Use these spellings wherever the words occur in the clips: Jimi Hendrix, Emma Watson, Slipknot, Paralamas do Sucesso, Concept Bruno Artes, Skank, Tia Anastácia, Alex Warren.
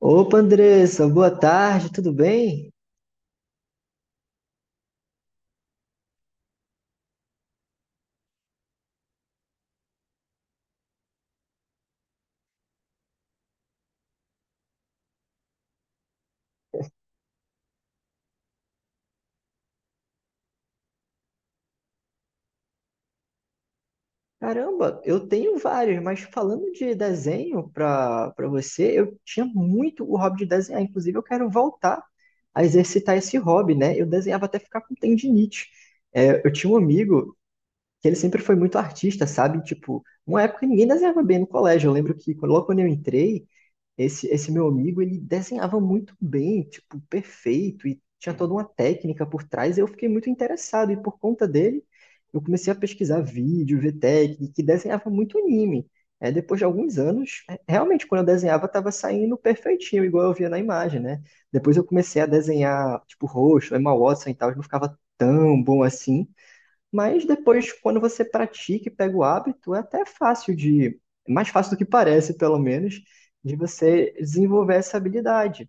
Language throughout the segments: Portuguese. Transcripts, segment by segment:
Opa, Andressa, boa tarde, tudo bem? Caramba, eu tenho vários, mas falando de desenho para você, eu tinha muito o hobby de desenhar. Inclusive, eu quero voltar a exercitar esse hobby, né? Eu desenhava até ficar com tendinite. Eu tinha um amigo que ele sempre foi muito artista, sabe? Tipo, uma época ninguém desenhava bem no colégio. Eu lembro que logo quando eu entrei, esse meu amigo, ele desenhava muito bem, tipo, perfeito, e tinha toda uma técnica por trás. Eu fiquei muito interessado, e por conta dele, eu comecei a pesquisar vídeo, ver técnica, que desenhava muito anime. Depois de alguns anos, realmente, quando eu desenhava, estava saindo perfeitinho, igual eu via na imagem, né? Depois eu comecei a desenhar, tipo, rosto, Emma Watson e tal, não ficava tão bom assim. Mas depois, quando você pratica e pega o hábito, é mais fácil do que parece, pelo menos, de você desenvolver essa habilidade.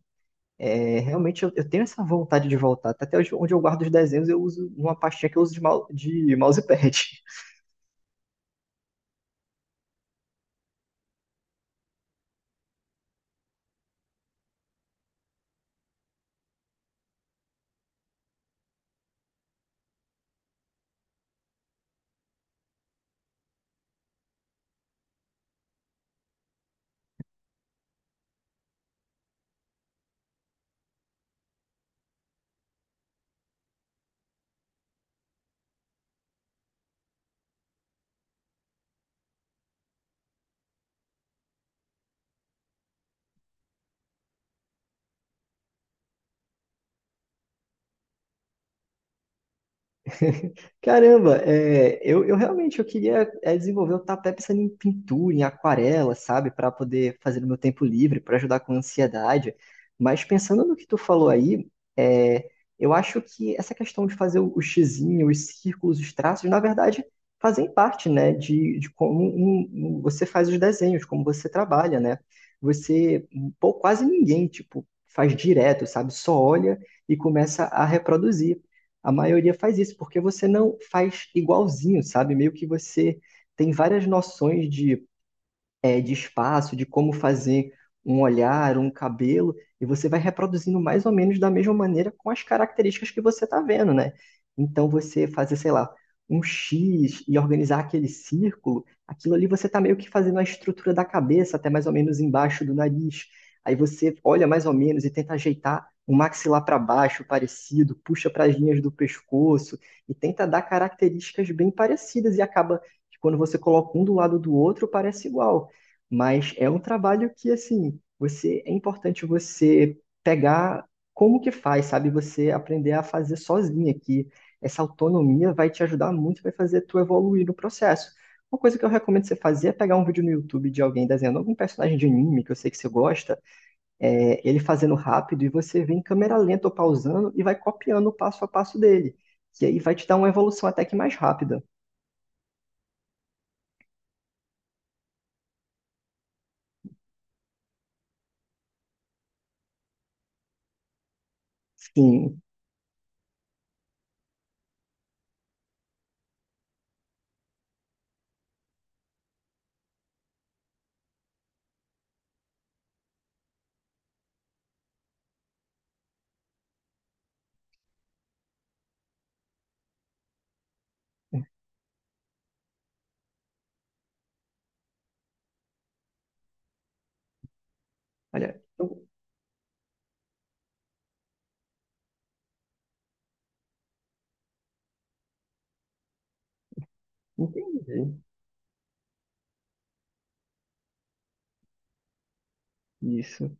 Eu tenho essa vontade de voltar. Até hoje, onde eu guardo os desenhos, eu uso uma pastinha que eu uso de, de mousepad. Caramba, eu realmente eu queria desenvolver, eu tava até pensando em pintura, em aquarela, sabe, para poder fazer no meu tempo livre, para ajudar com a ansiedade. Mas pensando no que tu falou aí, é, eu acho que essa questão de fazer o xizinho, os círculos, os traços, na verdade, fazem parte, né, de como você faz os desenhos, como você trabalha, né? Você, pô, quase ninguém, tipo, faz direto, sabe, só olha e começa a reproduzir. A maioria faz isso, porque você não faz igualzinho, sabe? Meio que você tem várias noções de de espaço, de como fazer um olhar, um cabelo, e você vai reproduzindo mais ou menos da mesma maneira com as características que você está vendo, né? Então você fazer, sei lá, um X e organizar aquele círculo, aquilo ali você está meio que fazendo a estrutura da cabeça, até mais ou menos embaixo do nariz. Aí você olha mais ou menos e tenta ajeitar o maxilar para baixo, parecido, puxa para as linhas do pescoço e tenta dar características bem parecidas e acaba que quando você coloca um do lado do outro, parece igual. Mas é um trabalho que, assim, você é importante você pegar como que faz, sabe? Você aprender a fazer sozinha, que essa autonomia vai te ajudar muito, vai fazer tu evoluir no processo. Uma coisa que eu recomendo você fazer é pegar um vídeo no YouTube de alguém desenhando algum personagem de anime que eu sei que você gosta, ele fazendo rápido e você vem em câmera lenta ou pausando e vai copiando o passo a passo dele. E aí vai te dar uma evolução até que mais rápida. Sim, olha, eu entendi isso.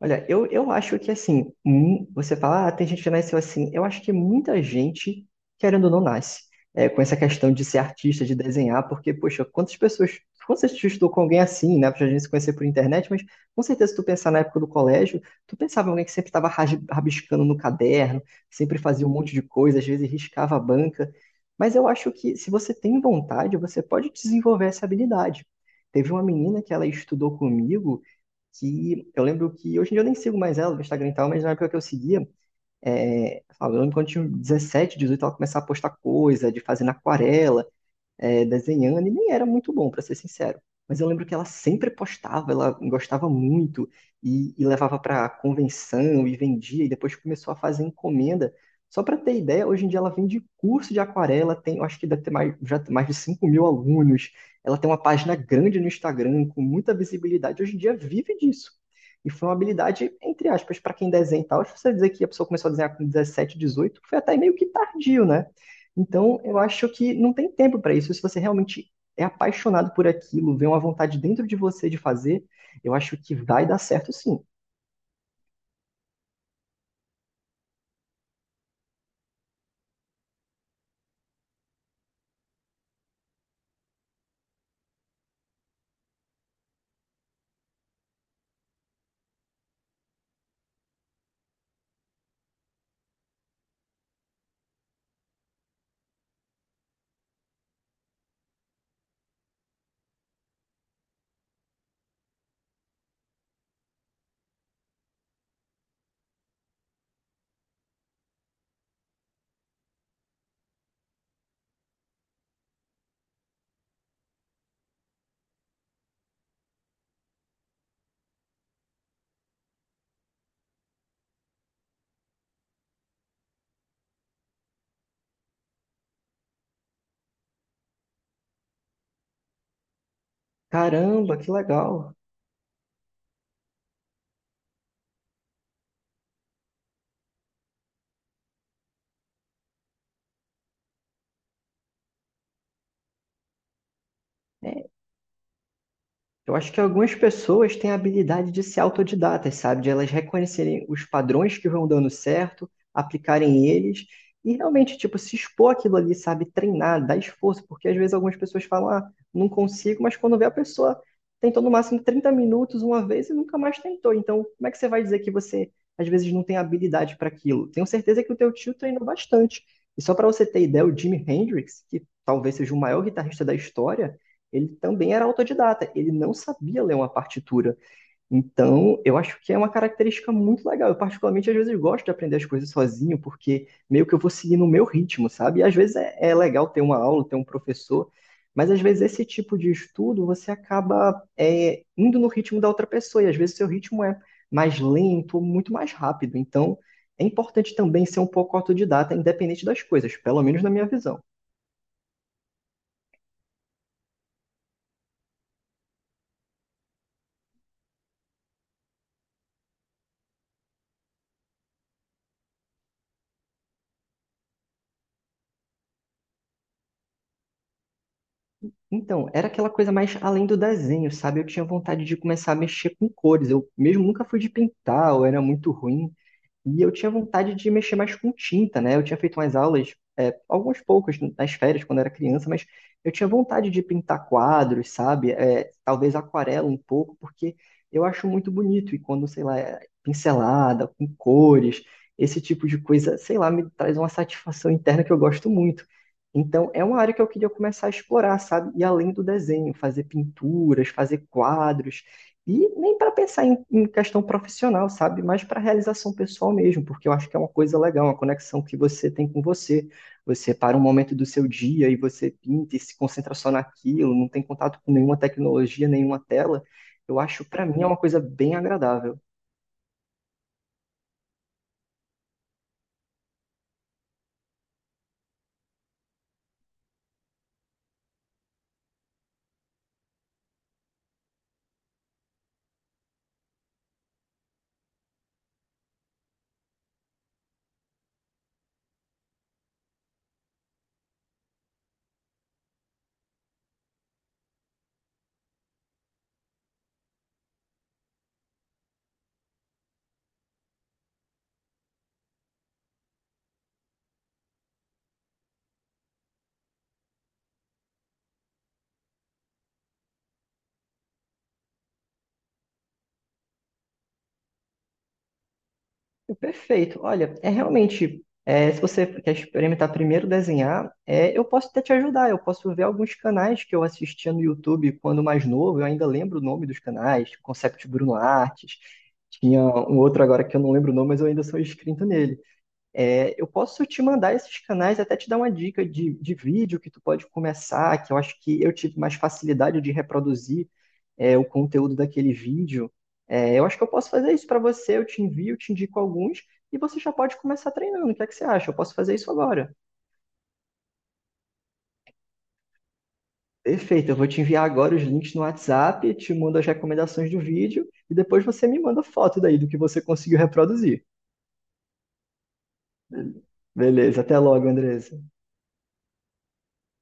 Olha, eu acho que assim, você fala, ah, tem gente que nasceu assim. Eu acho que muita gente, querendo ou não, nasce com essa questão de ser artista, de desenhar, porque, poxa, quantas pessoas, quantas vezes tu estudou com alguém assim, né? Pra gente se conhecer por internet, mas com certeza, se tu pensar na época do colégio, tu pensava em alguém que sempre estava rabiscando no caderno, sempre fazia um monte de coisa, às vezes riscava a banca. Mas eu acho que se você tem vontade, você pode desenvolver essa habilidade. Teve uma menina que ela estudou comigo que eu lembro que hoje em dia eu nem sigo mais ela no Instagram e tal, mas na época que eu seguia, eu lembro quando eu tinha 17, 18, ela começava a postar coisa, de fazer na aquarela, desenhando, e nem era muito bom, para ser sincero. Mas eu lembro que ela sempre postava, ela gostava muito e levava para convenção e vendia, e depois começou a fazer encomenda. Só para ter ideia, hoje em dia ela vende curso de aquarela, tem, eu acho que deve ter mais, já tem mais de 5.000 alunos. Ela tem uma página grande no Instagram, com muita visibilidade. Hoje em dia vive disso. E foi uma habilidade, entre aspas, para quem desenha e tal. Se você dizer que a pessoa começou a desenhar com 17, 18 foi até meio que tardio, né? Então, eu acho que não tem tempo para isso. Se você realmente é apaixonado por aquilo, vê uma vontade dentro de você de fazer, eu acho que vai dar certo sim. Caramba, que legal. É, Eu acho que algumas pessoas têm a habilidade de ser autodidatas, sabe? De elas reconhecerem os padrões que vão dando certo, aplicarem eles e realmente, tipo, se expor aquilo ali, sabe? Treinar, dar esforço, porque às vezes algumas pessoas falam, ah, não consigo, mas quando vê a pessoa tentou no máximo 30 minutos uma vez e nunca mais tentou. Então, como é que você vai dizer que você às vezes não tem habilidade para aquilo? Tenho certeza que o teu tio treinou bastante. E só para você ter ideia, o Jimi Hendrix, que talvez seja o maior guitarrista da história, ele também era autodidata, ele não sabia ler uma partitura. Então, eu acho que é uma característica muito legal. Eu, particularmente, às vezes gosto de aprender as coisas sozinho, porque meio que eu vou seguir no meu ritmo, sabe? E às vezes é legal ter uma aula, ter um professor, mas às vezes esse tipo de estudo você acaba indo no ritmo da outra pessoa, e às vezes seu ritmo é mais lento, muito mais rápido. Então, é importante também ser um pouco autodidata, independente das coisas, pelo menos na minha visão. Então, era aquela coisa mais além do desenho, sabe? Eu tinha vontade de começar a mexer com cores. Eu mesmo nunca fui de pintar, eu era muito ruim. E eu tinha vontade de mexer mais com tinta, né? Eu tinha feito umas aulas, algumas poucas nas férias, quando era criança, mas eu tinha vontade de pintar quadros, sabe? Talvez aquarela um pouco, porque eu acho muito bonito. E quando, sei lá, é pincelada, com cores, esse tipo de coisa, sei lá, me traz uma satisfação interna que eu gosto muito. Então, é uma área que eu queria começar a explorar, sabe? E além do desenho, fazer pinturas, fazer quadros. E nem para pensar em, em questão profissional, sabe? Mas para realização pessoal mesmo, porque eu acho que é uma coisa legal, uma conexão que você tem com você. Você para um momento do seu dia e você pinta e se concentra só naquilo, não tem contato com nenhuma tecnologia, nenhuma tela. Eu acho, para mim, é uma coisa bem agradável. Perfeito. Olha, se você quer experimentar primeiro desenhar, eu posso até te ajudar. Eu posso ver alguns canais que eu assistia no YouTube quando mais novo. Eu ainda lembro o nome dos canais, Concept Bruno Artes. Tinha um outro agora que eu não lembro o nome, mas eu ainda sou inscrito nele. Eu posso te mandar esses canais, até te dar uma dica de vídeo que tu pode começar, que eu acho que eu tive mais facilidade de reproduzir o conteúdo daquele vídeo. Eu acho que eu posso fazer isso para você, eu te envio, te indico alguns, e você já pode começar treinando. O que é que você acha? Eu posso fazer isso agora. Perfeito, eu vou te enviar agora os links no WhatsApp, te mando as recomendações do vídeo, e depois você me manda foto daí do que você conseguiu reproduzir. Beleza, até logo, Andresa.